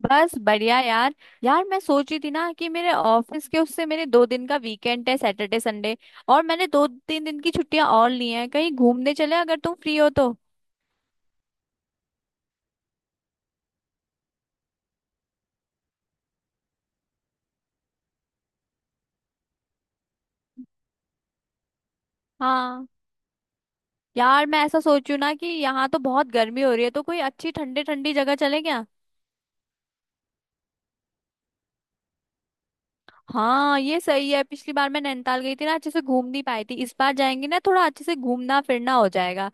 बस बढ़िया यार। मैं सोच रही थी ना कि मेरे ऑफिस के उससे मेरे दो दिन का वीकेंड है, सैटरडे संडे। और मैंने दो तीन दिन की छुट्टियां और ली हैं, कहीं घूमने चले अगर तुम फ्री हो तो। हाँ, यार मैं ऐसा सोच रही हूँ ना कि यहाँ तो बहुत गर्मी हो रही है, तो कोई अच्छी ठंडी ठंडी जगह चले क्या। हाँ ये सही है, पिछली बार मैं नैनीताल गई थी ना, अच्छे से घूम नहीं पाई थी। इस बार जाएंगे ना थोड़ा अच्छे से घूमना फिरना हो जाएगा।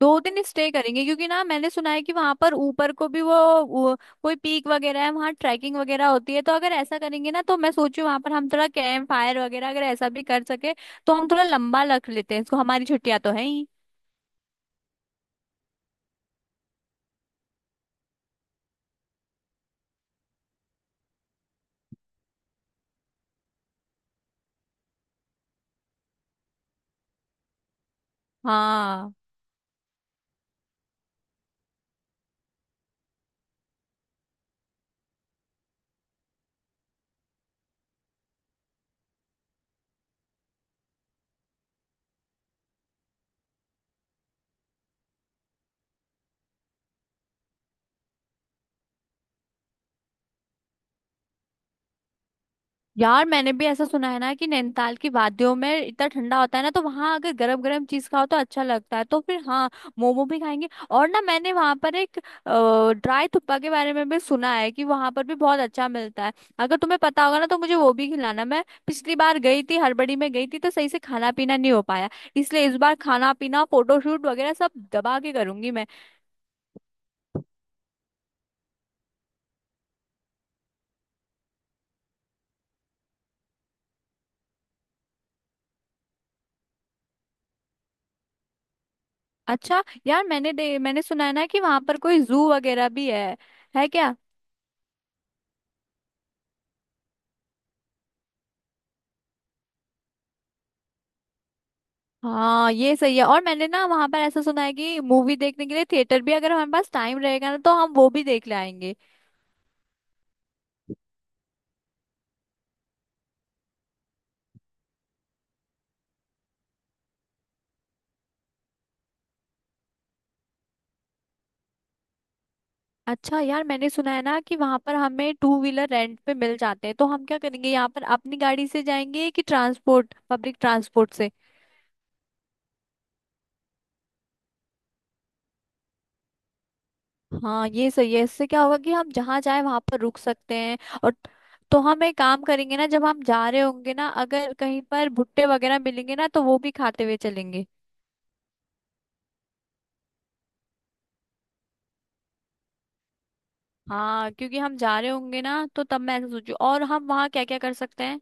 दो दिन स्टे करेंगे, क्योंकि ना मैंने सुना है कि वहां पर ऊपर को भी वो कोई पीक वगैरह है, वहां ट्रैकिंग वगैरह होती है। तो अगर ऐसा करेंगे ना तो मैं सोचू वहां पर हम थोड़ा कैंप फायर वगैरह अगर ऐसा भी कर सके, तो हम थोड़ा लंबा रख लेते हैं इसको, हमारी छुट्टियां तो है ही। हाँ यार, मैंने भी ऐसा सुना है ना कि नैनीताल की वादियों में इतना ठंडा होता है ना, तो वहां अगर गरम गरम चीज खाओ तो अच्छा लगता है। तो फिर हाँ, मोमो भी खाएंगे। और ना मैंने वहां पर एक ड्राई थुप्पा के बारे में भी सुना है कि वहां पर भी बहुत अच्छा मिलता है। अगर तुम्हें पता होगा ना तो मुझे वो भी खिलाना। मैं पिछली बार गई थी, हड़बड़ी में गई थी तो सही से खाना पीना नहीं हो पाया। इसलिए इस बार खाना पीना फोटोशूट वगैरह सब दबा के करूंगी मैं। अच्छा यार, मैंने सुना है ना कि वहां पर कोई जू वगैरह भी है क्या। हाँ ये सही है। और मैंने ना वहां पर ऐसा सुना है कि मूवी देखने के लिए थिएटर भी, अगर हमारे पास टाइम रहेगा ना तो हम वो भी देख ले आएंगे। अच्छा यार, मैंने सुना है ना कि वहां पर हमें टू व्हीलर रेंट पे मिल जाते हैं, तो हम क्या करेंगे, यहाँ पर अपनी गाड़ी से जाएंगे कि ट्रांसपोर्ट, पब्लिक ट्रांसपोर्ट से। हाँ ये सही है, इससे क्या होगा कि हम जहाँ जाए वहां पर रुक सकते हैं। और तो हम एक काम करेंगे ना, जब हम जा रहे होंगे ना अगर कहीं पर भुट्टे वगैरह मिलेंगे ना तो वो भी खाते हुए चलेंगे। हाँ, क्योंकि हम जा रहे होंगे ना तो तब मैं ऐसा सोचू और हम वहाँ क्या क्या कर सकते हैं।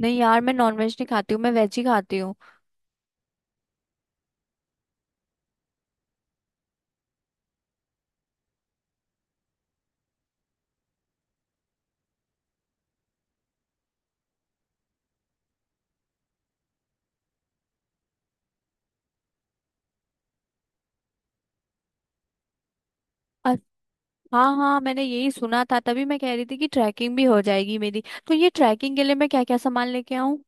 नहीं यार, मैं नॉनवेज नहीं खाती हूँ, मैं वेज ही खाती हूँ। अ- हाँ हाँ, मैंने यही सुना था, तभी मैं कह रही थी कि ट्रैकिंग भी हो जाएगी मेरी। तो ये ट्रैकिंग के लिए मैं क्या क्या सामान लेके आऊँ।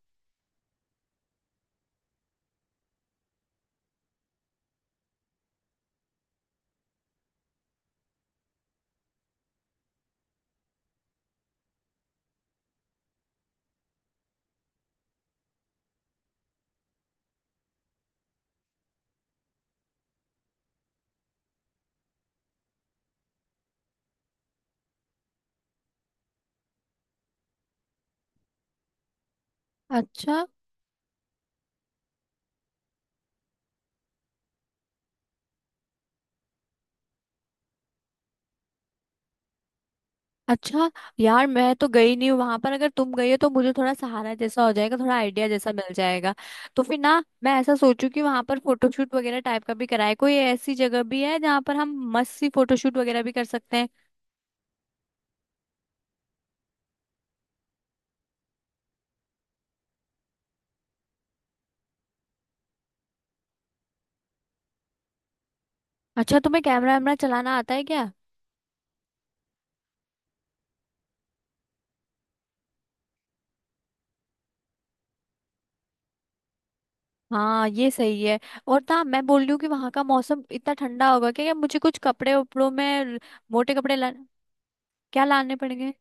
अच्छा। अच्छा यार, मैं तो गई नहीं हूँ वहां पर, अगर तुम गई हो तो मुझे थोड़ा सहारा जैसा हो जाएगा, थोड़ा आइडिया जैसा मिल जाएगा। तो फिर ना मैं ऐसा सोचू कि वहां पर फोटोशूट वगैरह टाइप का भी कराए, कोई ऐसी जगह भी है जहाँ पर हम मस्त सी फोटोशूट वगैरह भी कर सकते हैं। अच्छा तुम्हें कैमरा वैमरा चलाना आता है क्या। हाँ ये सही है। और ना मैं बोल रही हूँ कि वहां का मौसम इतना ठंडा होगा क्या, क्या मुझे कुछ कपड़े उपड़ों में मोटे कपड़े ला, क्या लाने पड़ेंगे।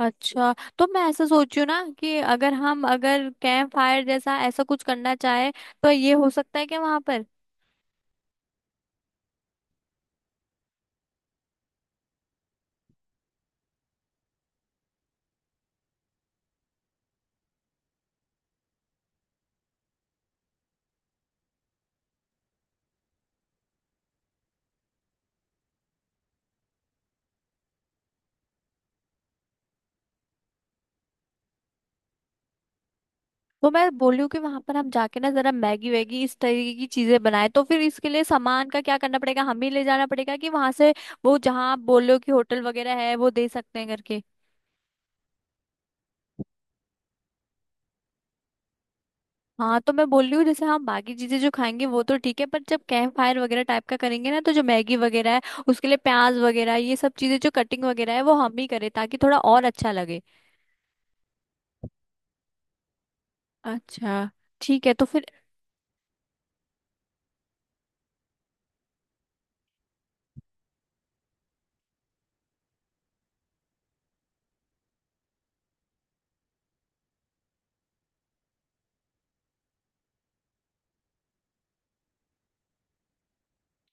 अच्छा। तो मैं ऐसा सोच रही हूँ ना कि अगर हम अगर कैंप फायर जैसा ऐसा कुछ करना चाहे, तो ये हो सकता है क्या वहां पर। तो मैं बोल रही हूँ कि वहां पर हम जाके ना जरा मैगी वैगी इस तरीके की चीजें बनाए, तो फिर इसके लिए सामान का क्या करना पड़ेगा, हमें ले जाना पड़ेगा कि वहां से वो, जहाँ आप बोल रहे हो कि होटल वगैरह है वो दे सकते हैं करके। हाँ तो मैं बोल रही हूँ, जैसे हम बाकी चीजें जो खाएंगे वो तो ठीक है, पर जब कैंप फायर वगैरह टाइप का करेंगे ना तो जो मैगी वगैरह है उसके लिए प्याज वगैरह ये सब चीजें जो कटिंग वगैरह है वो हम ही करें ताकि थोड़ा और अच्छा लगे। अच्छा। ठीक है तो फिर।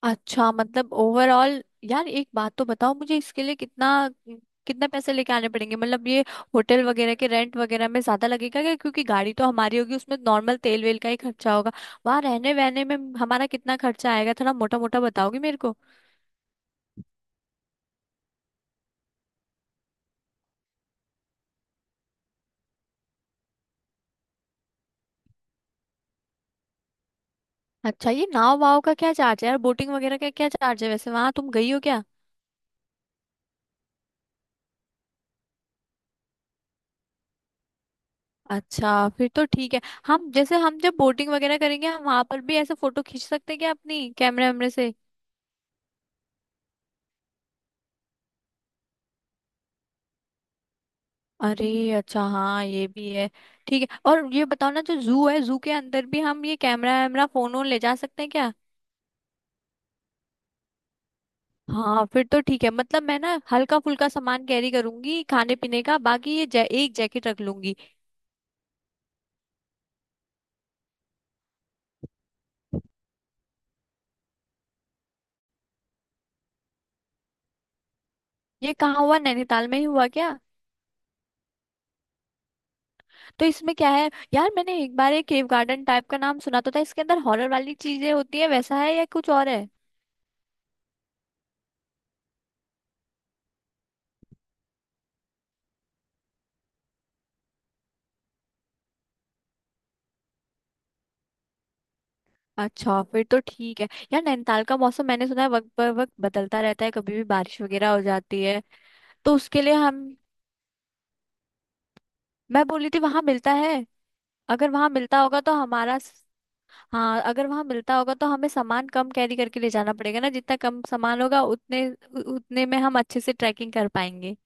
अच्छा मतलब ओवरऑल, यार एक बात तो बताओ मुझे, इसके लिए कितना, कितना पैसे लेके आने पड़ेंगे। मतलब ये होटल वगैरह के रेंट वगैरह में ज्यादा लगेगा क्या, क्योंकि गाड़ी तो हमारी होगी उसमें नॉर्मल तेल वेल का ही खर्चा होगा। वहां रहने वहने में हमारा कितना खर्चा आएगा, थोड़ा मोटा मोटा बताओगी मेरे को। अच्छा ये नाव वाव का क्या चार्ज है यार, बोटिंग वगैरह का क्या चार्ज है, वैसे वहां तुम गई हो क्या। अच्छा फिर तो ठीक है। हम जैसे हम जब बोटिंग वगैरह करेंगे हम वहां पर भी ऐसे फोटो खींच सकते हैं क्या अपनी कैमरे वैमरे से। अरे अच्छा हाँ ये भी है। ठीक है, और ये बताओ ना जो जू है, जू के अंदर भी हम ये कैमरा वैमरा फोन वोन ले जा सकते हैं क्या। हाँ फिर तो ठीक है, मतलब मैं ना हल्का फुल्का सामान कैरी करूंगी खाने पीने का, बाकी ये एक जैकेट रख लूंगी। ये कहाँ हुआ, नैनीताल में ही हुआ क्या। तो इसमें क्या है यार, मैंने एक बार एक केव गार्डन टाइप का नाम सुना तो था, इसके अंदर हॉरर वाली चीजें होती है वैसा है या कुछ और है। अच्छा फिर तो ठीक है। यार नैनीताल का मौसम मैंने सुना है वक्त पर वक्त बदलता रहता है, कभी भी बारिश वगैरह हो जाती है। तो उसके लिए हम, मैं बोली थी वहां मिलता है, अगर वहां मिलता होगा तो हाँ अगर वहां मिलता होगा तो हमें सामान कम कैरी करके ले जाना पड़ेगा ना, जितना कम सामान होगा उतने में हम अच्छे से ट्रैकिंग कर पाएंगे।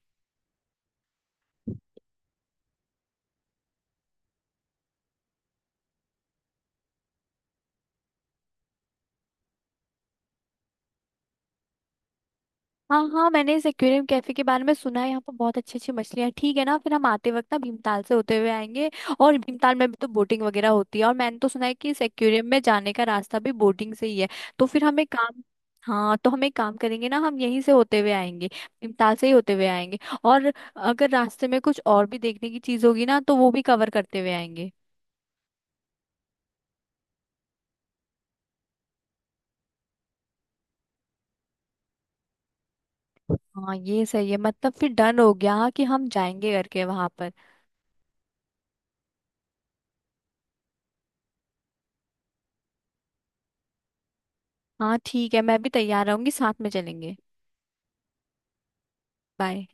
हाँ हाँ, मैंने इस एक्वेरियम कैफे के बारे में सुना है, यहाँ पर बहुत अच्छी अच्छी मछलियाँ हैं। ठीक है ना, फिर हम आते वक्त ना भीमताल से होते हुए आएंगे। और भीमताल में भी तो बोटिंग वगैरह होती है, और मैंने तो सुना है कि इस एक्वेरियम में जाने का रास्ता भी बोटिंग से ही है। तो फिर हमें काम हाँ तो हम एक काम करेंगे ना, हम यहीं से होते हुए आएंगे, भीमताल से ही होते हुए आएंगे। और अगर रास्ते में कुछ और भी देखने की चीज होगी ना तो वो भी कवर करते हुए आएंगे। हाँ ये सही है, मतलब फिर डन हो गया कि हम जाएंगे करके वहां पर। हाँ ठीक है, मैं भी तैयार रहूंगी, साथ में चलेंगे। बाय।